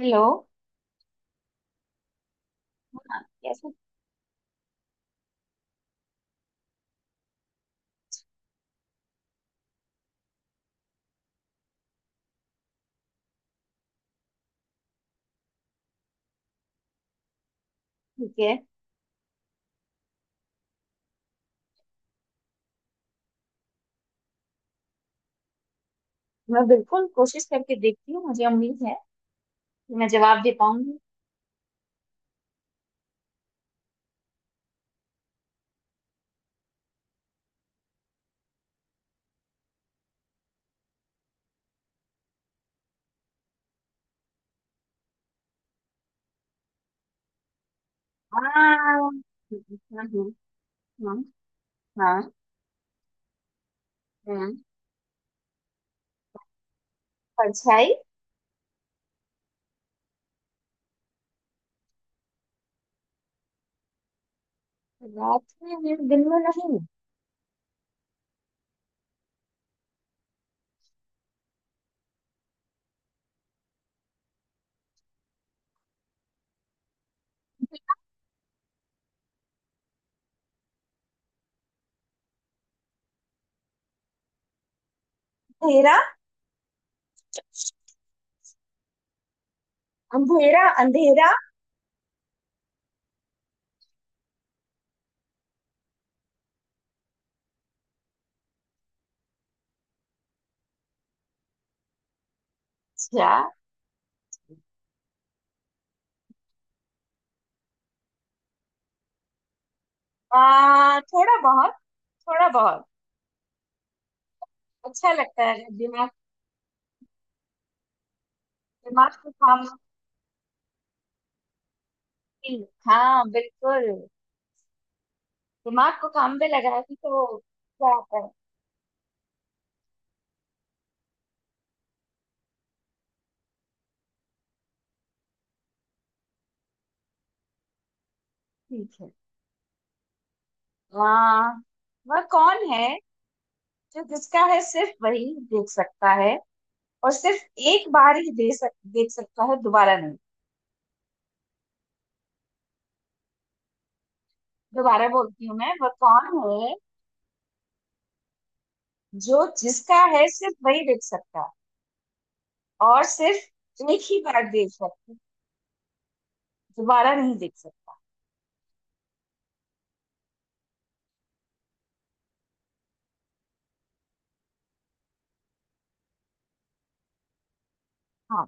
Hello. Yes. ठीक है। मैं बिल्कुल कोशिश करके देखती हूँ। मुझे उम्मीद है कि मैं जवाब दे पाऊंगी। हाँ, हाँ, हाँ, हाँ, हाँ। परछाई। रात में है, दिन में नहीं। अंधेरा। अंधेरा, अंधेरा। अच्छा। थोड़ा बहुत। थोड़ा बहुत। अच्छा लगता है दिमाग। दिमाग को काम हाँ, बिल्कुल। दिमाग को काम पे लगाएगी तो क्या आता है। ठीक है। आ, वह कौन है जो जिसका है सिर्फ वही देख सकता है? और सिर्फ एक बार ही देख सकता है, दोबारा नहीं। दोबारा बोलती हूँ, मैं, वह कौन है जो जिसका है सिर्फ वही देख सकता है और सिर्फ एक ही बार देख सकता है, दोबारा नहीं देख सकता। हाँ।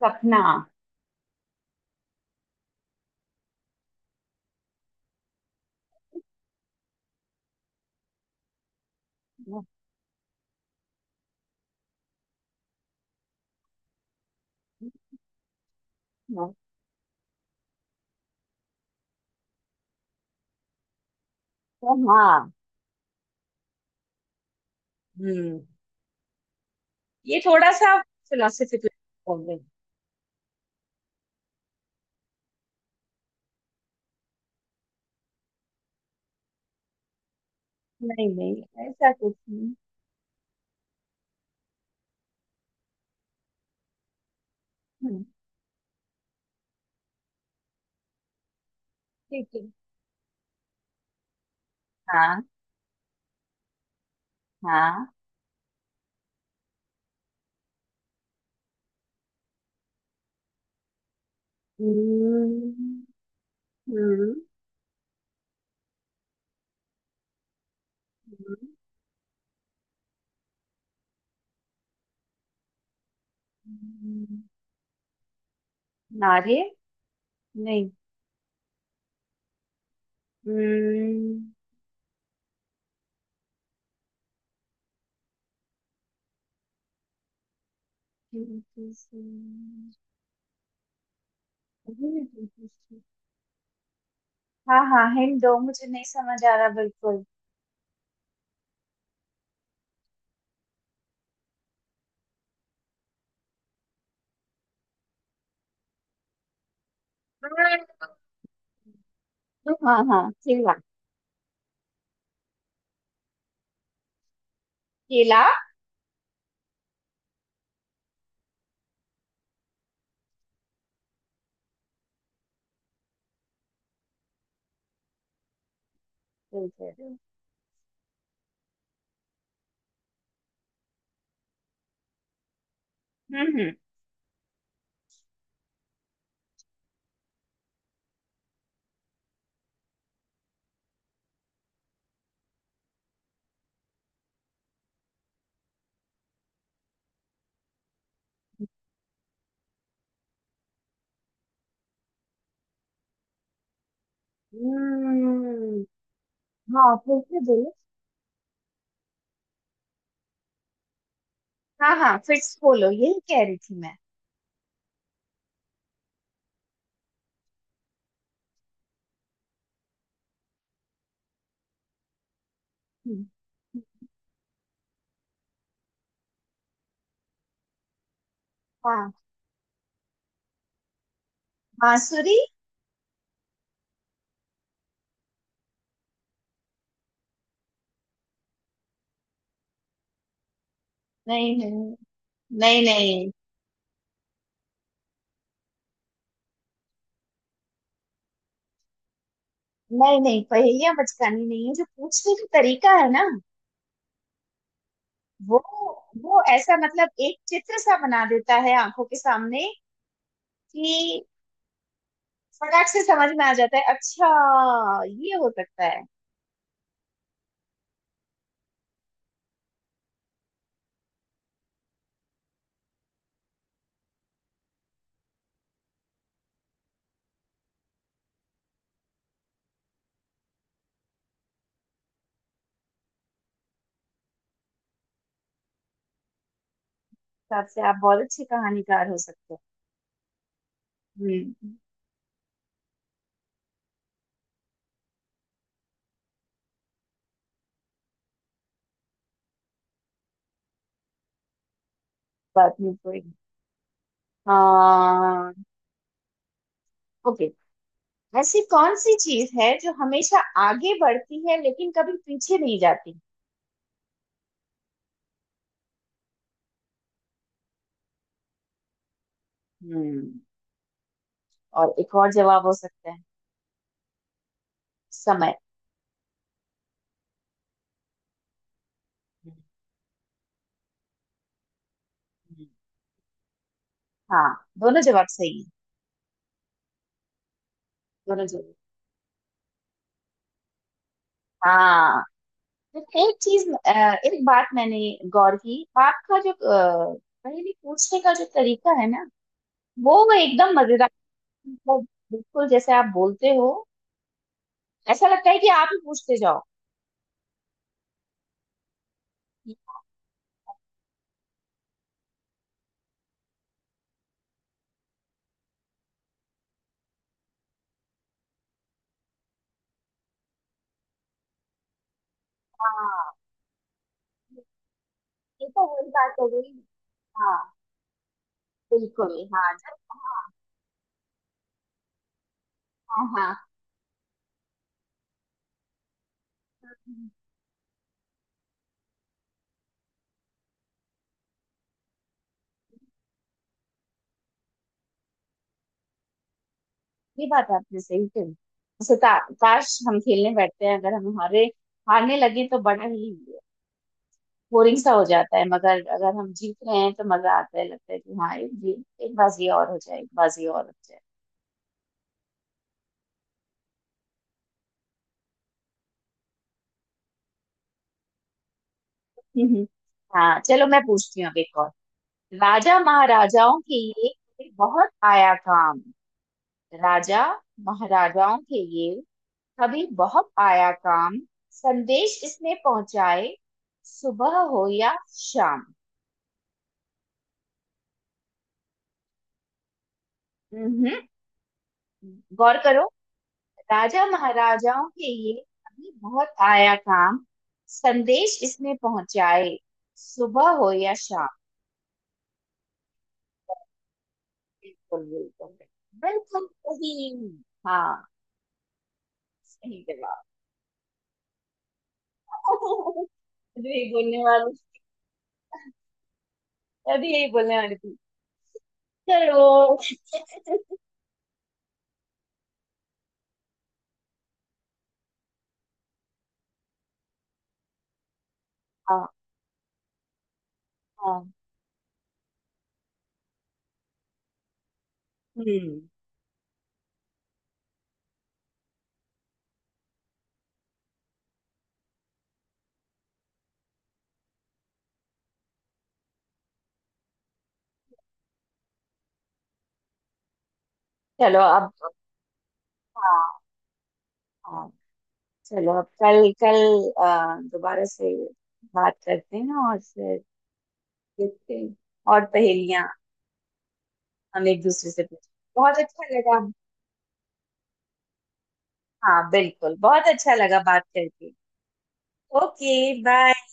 सपना। हाँ। हम्म। ये थोड़ा सा फिलोसफिकल बोल रही हूँ। नहीं, नहीं, ऐसा कुछ नहीं। हम्म, ठीक है। हाँ, हाँ। हम्म, हम्म, हम्म। हम्म, नारियल। नहीं। हम्म, हाँ, हाँ, हिंट दो। मुझे नहीं समझ आ रहा बिल्कुल। हाँ, हाँ, केला। केला। बिल्कुल। हम्म हम्म हम्म, हाँ, फिर से बोलो। हाँ, हाँ, फिर से बोलो, यही कह रही थी मैं। हम्म, हाँ। बांसुरी। नहीं, नहीं। नहीं, नहीं, नहीं, नहीं, पहेलियां बचकानी नहीं है। जो पूछने का तरीका है ना, वो वो ऐसा, मतलब, एक चित्र सा बना देता है आंखों के सामने कि फटाक से समझ में आ जाता है। अच्छा, ये हो सकता है। हिसाब से आप बहुत अच्छे कहानीकार हो सकते हो। हम्म। बात नहीं कोई। हाँ। ओके। ऐसी कौन सी चीज है जो हमेशा आगे बढ़ती है लेकिन कभी पीछे नहीं जाती? हम्म। और एक और जवाब हो सकता है, समय। हम्म, हम्म। हाँ, दोनों जवाब सही है। दोनों जवाब। हाँ। लेकिन एक चीज, एक बात मैंने गौर की, आपका जो, पहेली पूछने का जो तरीका है ना, वो एकदम मजेदार, मतलब, बिल्कुल जैसे आप बोलते हो, ऐसा लगता है कि आप ही पूछते जाओ। हाँ, ये तो वही बात हो गई। हाँ, बिल्कुल, हाँ, जब, हाँ, हाँ, हाँ, ये बात आपने सही कही। जैसे काश, हम खेलने बैठते हैं, अगर हम हारे, हारने लगे तो बड़ा ही बोरिंग सा हो जाता है, मगर अगर हम जीत रहे हैं तो मजा आता है, लगता है कि हाँ, एक बाजी और हो जाए, एक बाजी और हो जाए। हम्म। हाँ, चलो, मैं पूछती हूँ अब एक और। राजा महाराजाओं के ये कभी बहुत आया काम। राजा महाराजाओं के ये कभी बहुत आया काम, संदेश इसने पहुंचाए सुबह हो या शाम। हम्म, गौर करो। राजा महाराजाओं के ये अभी बहुत आया काम, संदेश इसमें पहुंचाए सुबह हो या शाम। बिल्कुल, बिल्कुल, बिल्कुल सही। हाँ। सही जवाब। अभी यही बोलने वाली। अभी यही बोलने वाली थी। चलो। हाँ, हाँ। हम्म। चलो अब। हाँ, हाँ। चलो अब, कल कल दोबारा से बात करते हैं, और फिर देखते हैं और पहेलियां हम एक दूसरे से पूछ। बहुत अच्छा लगा। हाँ, बिल्कुल बहुत अच्छा लगा बात करके। ओके। बाय।